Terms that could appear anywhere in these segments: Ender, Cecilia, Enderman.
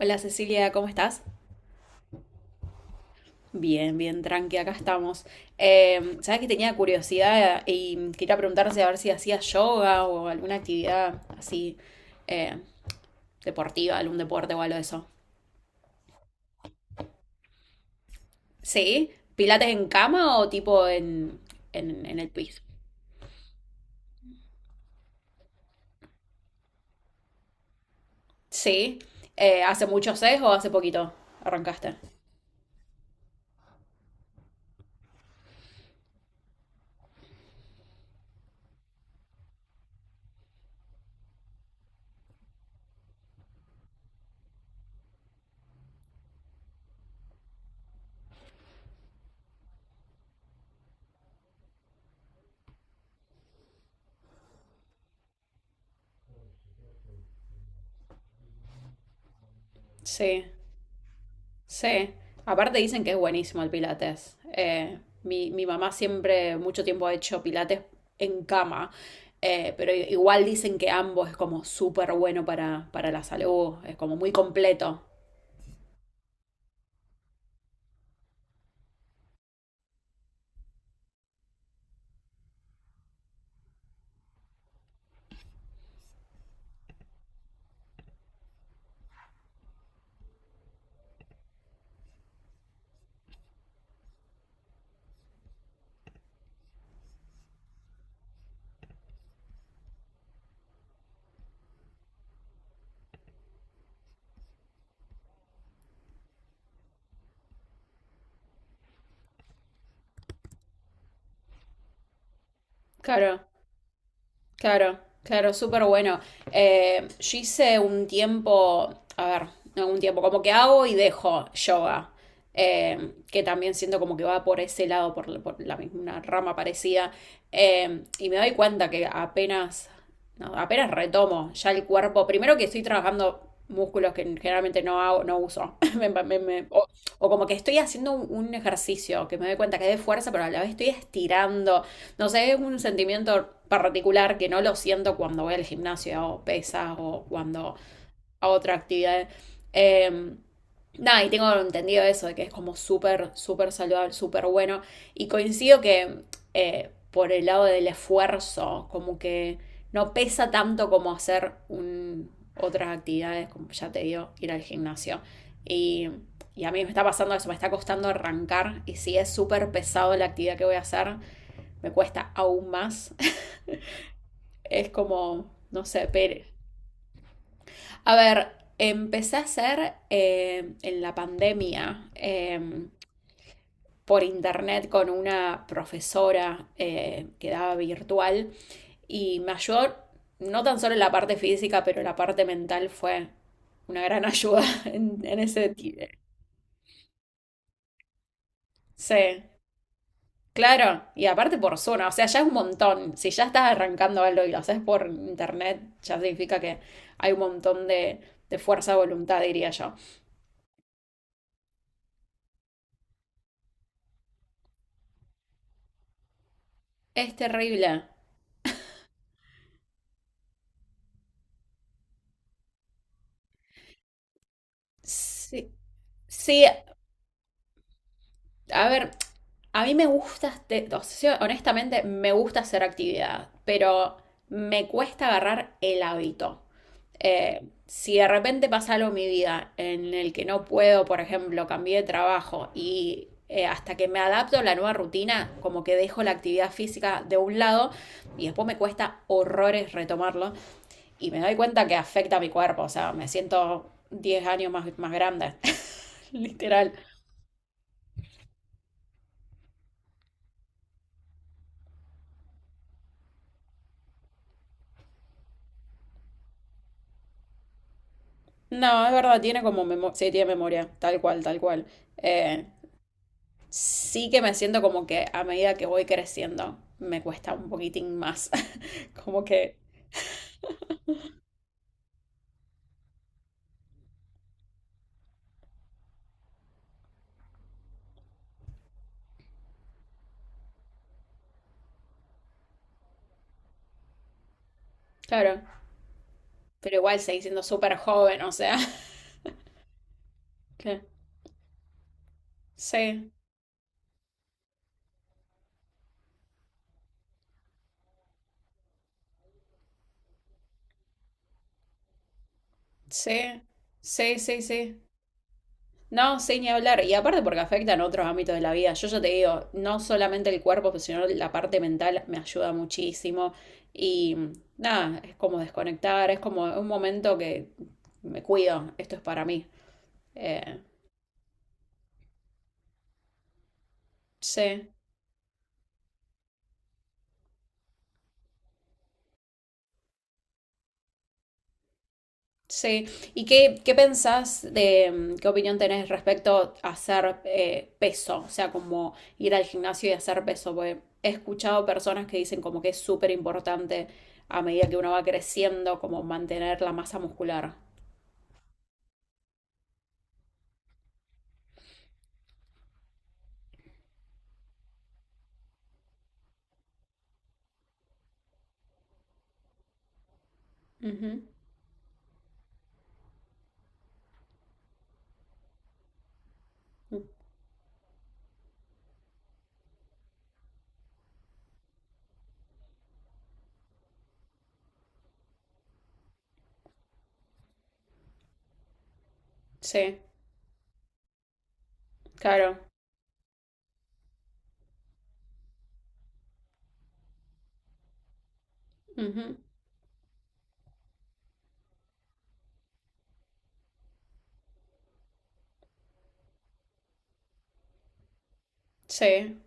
Hola Cecilia, ¿cómo estás? Bien, bien, tranqui, acá estamos. Sabes que tenía curiosidad y quería preguntarse a ver si hacías yoga o alguna actividad así eh, deportiva, algún deporte o algo de eso. ¿Sí? ¿Pilates en cama o tipo en, en el piso? Sí. ¿Hace mucho sesgo o hace poquito arrancaste? Sí. Sí, aparte dicen que es buenísimo el pilates. Mi mamá siempre, mucho tiempo ha hecho pilates en cama, pero igual dicen que ambos es como súper bueno para la salud, es como muy completo. Claro. Claro, claro, súper bueno. Yo hice un tiempo, a ver, no un tiempo, como que hago y dejo yoga, que también siento como que va por ese lado, por, por la misma una rama parecida, y me doy cuenta que apenas, no, apenas retomo ya el cuerpo, primero que estoy trabajando músculos que generalmente no hago, no uso, o como que estoy haciendo un ejercicio, que me doy cuenta que es de fuerza, pero a la vez estoy estirando, no sé, es un sentimiento particular que no lo siento cuando voy al gimnasio o pesas o cuando hago otra actividad. Eh, Nada, y tengo entendido eso, de que es como súper, súper saludable, súper bueno. Y coincido que por el lado del esfuerzo, como que no pesa tanto como hacer un, otras actividades, como ya te digo, ir al gimnasio. Y, y a mí me está pasando eso, me está costando arrancar. Y si es súper pesado la actividad que voy a hacer, me cuesta aún más. Es como, no sé, pero... A ver, empecé a hacer en la pandemia por internet con una profesora que daba virtual y me ayudó no tan solo en la parte física, pero la parte mental fue una gran ayuda en ese... Sí, claro, y aparte por zona, o sea, ya es un montón. Si ya estás arrancando algo y lo haces por internet, ya significa que hay un montón de fuerza de voluntad, diría yo. Es terrible. Sí, sí, a ver, a mí me gusta, o sea, sí, honestamente, me gusta hacer actividad, pero me cuesta agarrar el hábito. Eh, si de repente pasa algo en mi vida en el que no puedo, por ejemplo, cambié de trabajo y hasta que me adapto a la nueva rutina, como que dejo la actividad física de un lado y después me cuesta horrores retomarlo y me doy cuenta que afecta a mi cuerpo, o sea, me siento 10 años más, más grande, literal. No, es verdad, tiene como memoria, sí, tiene memoria, tal cual, tal cual. Eh, sí que me siento como que a medida que voy creciendo me cuesta un poquitín más, como que, claro, pero igual seguí siendo súper joven, o sea, que sí, sí, sí, sí, sí. No, sí, ni hablar. Y aparte porque afectan otros ámbitos de la vida. Yo ya te digo, no solamente el cuerpo, pues, sino la parte mental me ayuda muchísimo. Y nada, es como desconectar, es como un momento que me cuido, esto es para mí. Eh, sí. Sí, ¿y qué, qué pensás de, mm, qué opinión tenés respecto a hacer peso? O sea, como ir al gimnasio y hacer peso, porque he escuchado personas que dicen como que es súper importante a medida que uno va creciendo, como mantener la masa muscular. Ujú. Sí, claro. Ujú. Sí.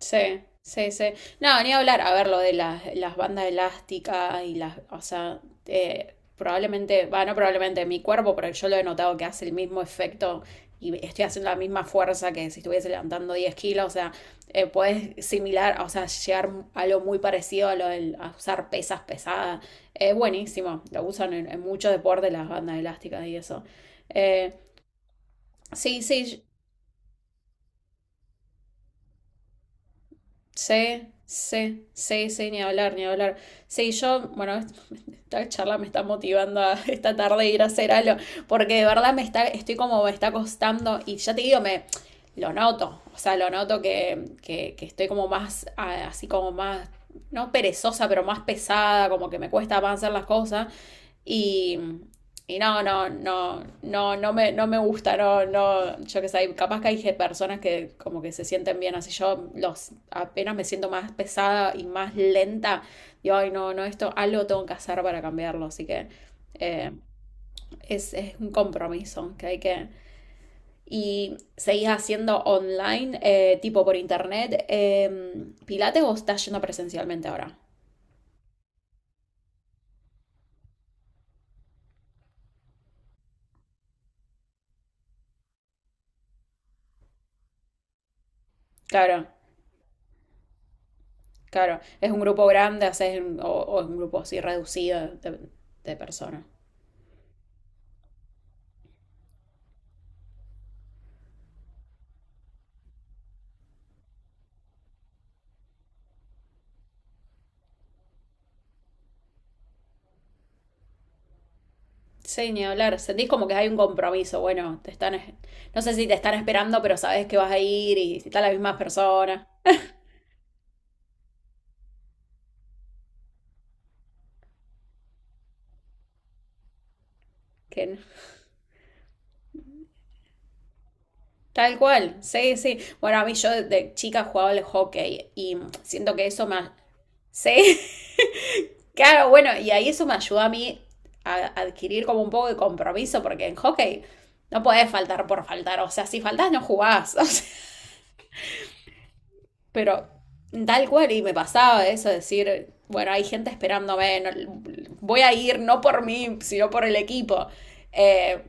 Sí, sí, sí. No, ni hablar. A ver, lo de las bandas elásticas y las. O sea, probablemente. Va, no probablemente mi cuerpo, pero yo lo he notado que hace el mismo efecto y estoy haciendo la misma fuerza que si estuviese levantando 10 kilos. O sea, puedes similar, o sea, llegar a lo muy parecido a lo del a usar pesas pesadas. Es buenísimo. Lo usan en muchos deportes las bandas elásticas y eso. Eh, sí, sí, sí, sí, sí, sí, ni hablar, ni hablar. Sí, yo, bueno, esta charla me está motivando a esta tarde ir a hacer algo, porque de verdad me está, estoy como, me está costando, y ya te digo, me lo noto, o sea, lo noto que estoy como más, ah, así como más, no perezosa, pero más pesada, como que me cuesta más hacer las cosas, y, y no, no, no, no, no me, no me gusta, no, no, yo qué sé, capaz que hay personas que como que se sienten bien así, yo los, apenas me siento más pesada y más lenta, digo, ay, no, no, esto algo tengo que hacer para cambiarlo, así que eh, es un compromiso que hay que... ¿Y seguís haciendo online, tipo por internet, Pilates o estás yendo presencialmente ahora? Claro, claro, ¿es un grupo grande, haces un- o es un grupo así reducido de personas? Sí, ni hablar. Sentís como que hay un compromiso. Bueno, te están, no sé si te están esperando, pero sabes que vas a ir y si están las mismas personas. Que no. Tal cual, sí, sí. Bueno, a mí yo de chica jugaba al hockey y siento que eso me... Sí, claro, bueno, y ahí eso me ayudó a mí a adquirir como un poco de compromiso, porque en hockey no podés faltar por faltar. O sea, si faltás, no jugás. Pero tal cual, y me pasaba eso, decir, bueno, hay gente esperándome, no- voy a ir no por mí, sino por el equipo. Eh,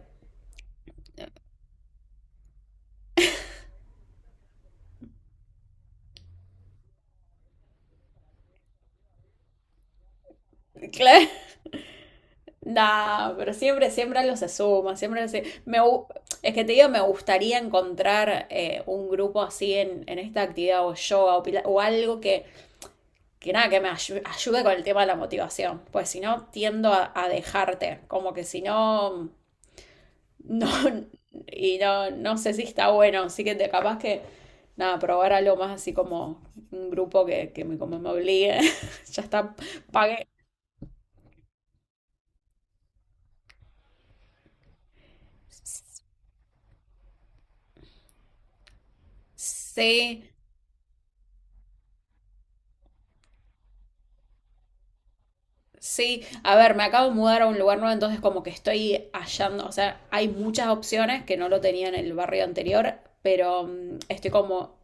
claro, nah, pero siempre, siempre los asuma, me es que te digo, me gustaría encontrar un grupo así en esta actividad o yoga o algo que nada, que me ayude con el tema de la motivación, pues si no tiendo a dejarte, como que si no no, y no, no sé si está bueno, así que te capaz que, nada, probar algo más así como un grupo que me, como me obligue. Ya está, pagué. Sí, sí, a ver, me acabo de mudar a un lugar nuevo, entonces como que estoy hallando, o sea, hay muchas opciones que no lo tenía en el barrio anterior, pero mm, estoy como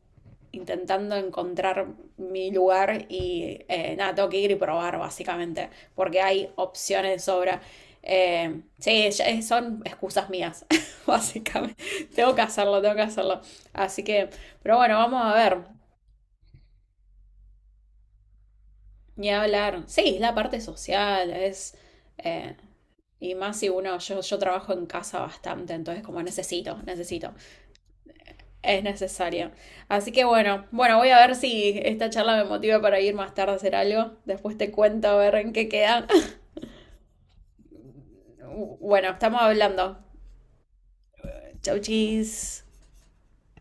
intentando encontrar mi lugar y nada, tengo que ir y probar básicamente, porque hay opciones de sobra. Sí, son excusas mías, básicamente. Tengo que hacerlo, tengo que hacerlo. Así que, pero bueno, vamos a ver, ni hablar. Sí, la parte social es... eh, Y más si uno, yo trabajo en casa bastante, entonces como necesito, necesito, es necesario. Así que bueno, bueno, voy a ver si esta charla me motiva para ir más tarde a hacer algo. Después te cuento a ver en qué queda. Bueno, estamos hablando. Chau, chis.